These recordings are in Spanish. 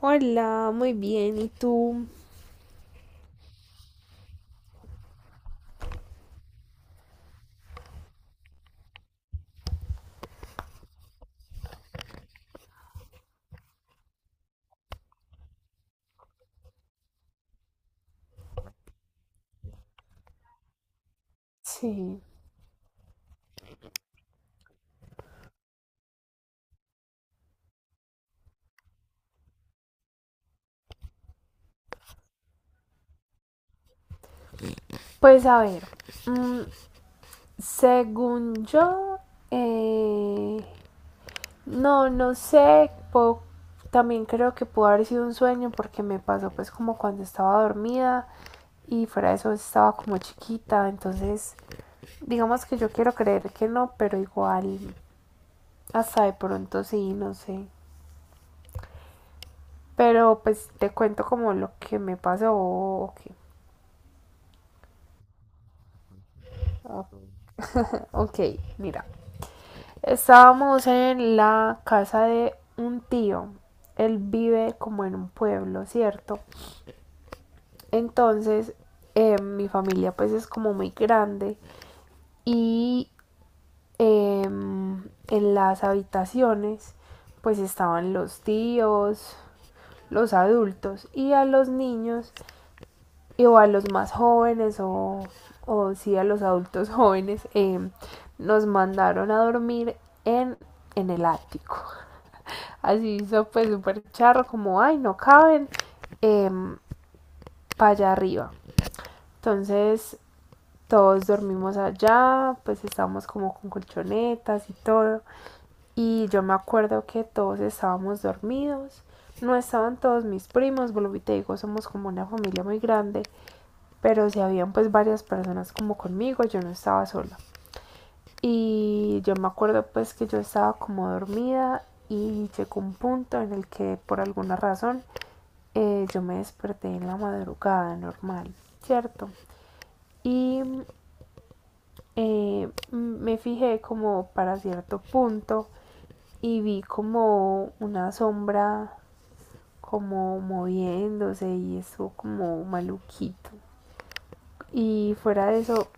Hola, muy bien. ¿Y tú? Sí, pues a ver, mm, según yo, eh, no sé, puedo- también creo que pudo haber sido un sueño porque me pasó pues como cuando estaba dormida y fuera de eso estaba como chiquita, entonces digamos que yo quiero creer que no, pero igual hasta de pronto sí, no sé. Pero pues te cuento como lo que me pasó. Ok, ok, mira. Estábamos en la casa de un tío. Él vive como en un pueblo, ¿cierto? Entonces, mi familia pues es como muy grande y en las habitaciones pues estaban los tíos, los adultos y a los niños y o a los más jóvenes o sí a los adultos jóvenes, nos mandaron a dormir en, en el ático. Así hizo pues súper charro, como, ay, no caben, eh, para allá arriba. Entonces todos dormimos allá, pues estábamos como con colchonetas y todo. Y yo me acuerdo que todos estábamos dormidos. No estaban todos mis primos, volví te digo, somos como una familia muy grande, pero sí habían pues varias personas como conmigo, yo no estaba sola. Y yo me acuerdo pues que yo estaba como dormida y llegó un punto en el que por alguna razón yo me desperté en la madrugada normal, ¿cierto? Y me fijé como para cierto punto y vi como una sombra como moviéndose y estuvo como maluquito. Y fuera de eso,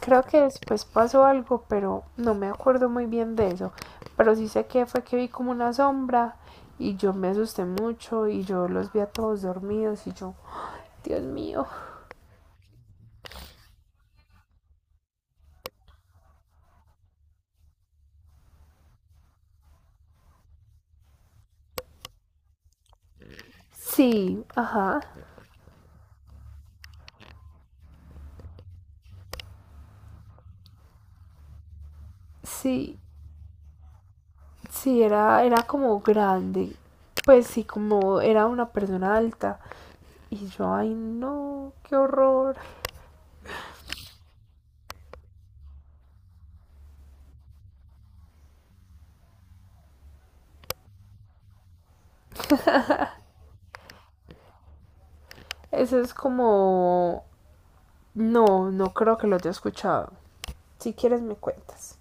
creo que después pasó algo, pero no me acuerdo muy bien de eso. Pero sí sé que fue que vi como una sombra y yo me asusté mucho y yo los vi a todos dormidos y yo, Dios mío. Sí, ajá. Sí, sí, era, era como grande. Pues sí, como era una persona alta. Y yo, ay no, qué horror. Eso es como... No, no creo que lo haya escuchado. Si quieres me cuentas.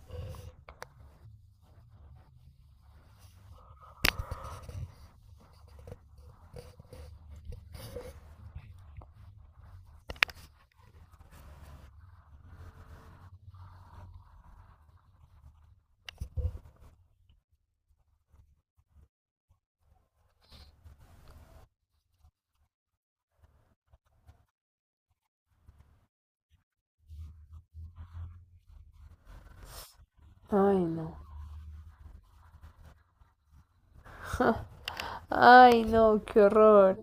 Ay no. Ay, no, qué horror.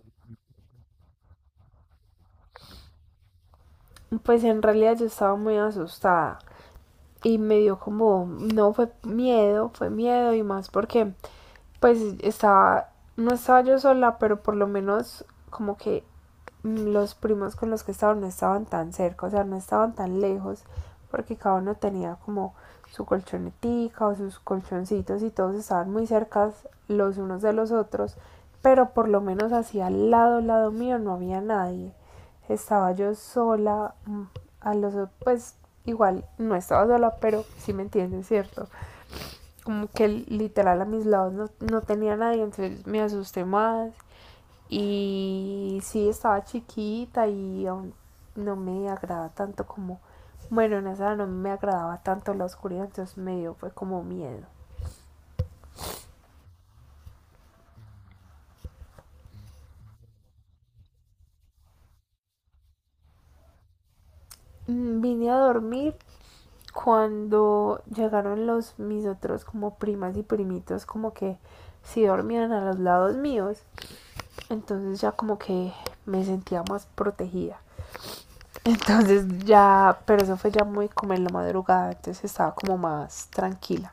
Pues en realidad yo estaba muy asustada y me dio como, no fue miedo, fue miedo y más porque pues estaba, no estaba yo sola, pero por lo menos como que los primos con los que estaban no estaban tan cerca, o sea, no estaban tan lejos, porque cada uno tenía como su colchonetica o sus colchoncitos y todos estaban muy cerca los unos de los otros, pero por lo menos hacia al lado mío no había nadie. Estaba yo sola, a los pues igual no estaba sola, pero sí me entienden, ¿cierto? Como que literal a mis lados no tenía nadie, entonces me asusté más y sí, estaba chiquita y aún no me agradaba tanto como, bueno, en esa no me agradaba tanto la oscuridad, entonces me dio fue como miedo. Vine a dormir cuando llegaron los mis otros como primas y primitos como que sí dormían a los lados míos, entonces ya como que me sentía más protegida. Entonces ya, pero eso fue ya muy como en la madrugada, entonces estaba como más tranquila.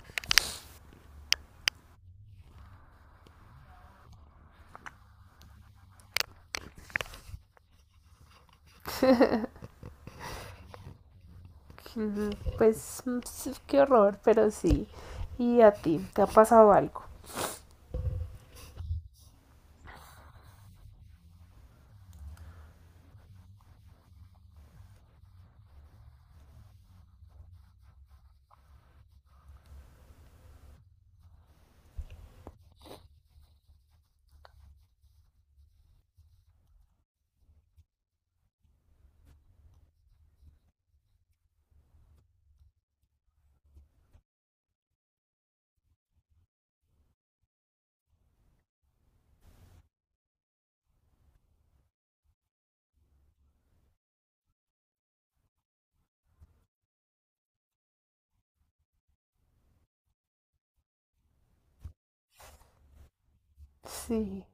Mm, Pues sí, qué horror, pero sí. ¿Y a ti? ¿Te ha pasado algo? Sí.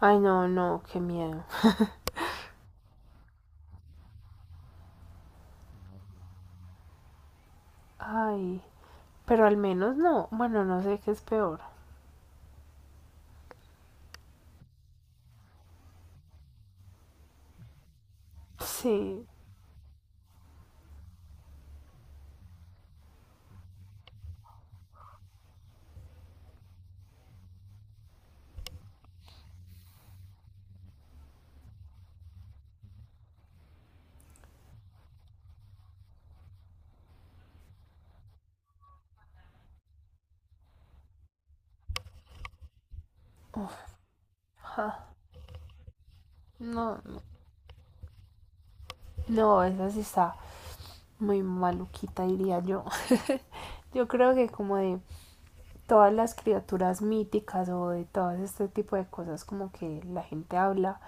Ay, no, no, qué miedo. Ay, pero al menos no. Bueno, no sé qué es peor. Sí. Uf, ja. No, no, no, esa sí está muy maluquita, diría yo. Yo creo que como de todas las criaturas míticas o de todo este tipo de cosas como que la gente habla,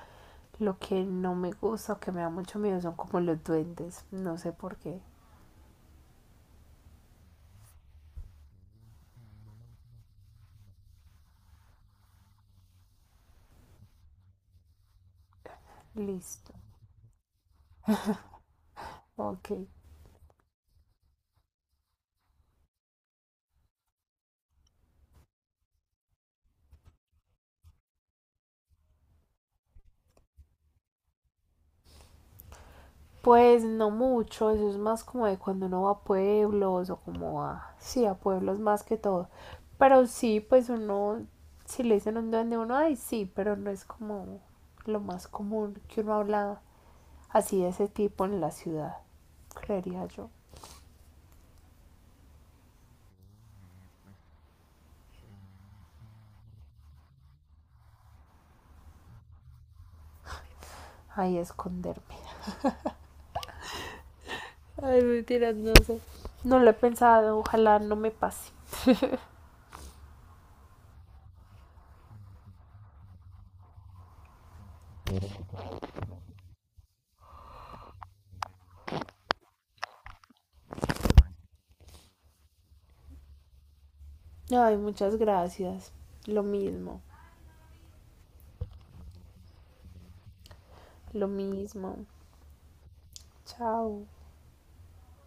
lo que no me gusta o que me da mucho miedo son como los duendes. No sé por qué. Listo, ok. Pues no mucho, eso es más como de cuando uno va a pueblos o como a, sí, a pueblos más que todo. Pero sí, pues uno, si le dicen un duende, uno, ay, sí, pero no es como lo más común que uno habla así de ese tipo en la ciudad, creería yo. Ahí esconderme. Ay, mentiras, no sé. No lo he pensado, ojalá no me pase. Ay, muchas gracias. Lo mismo, lo mismo. Chao.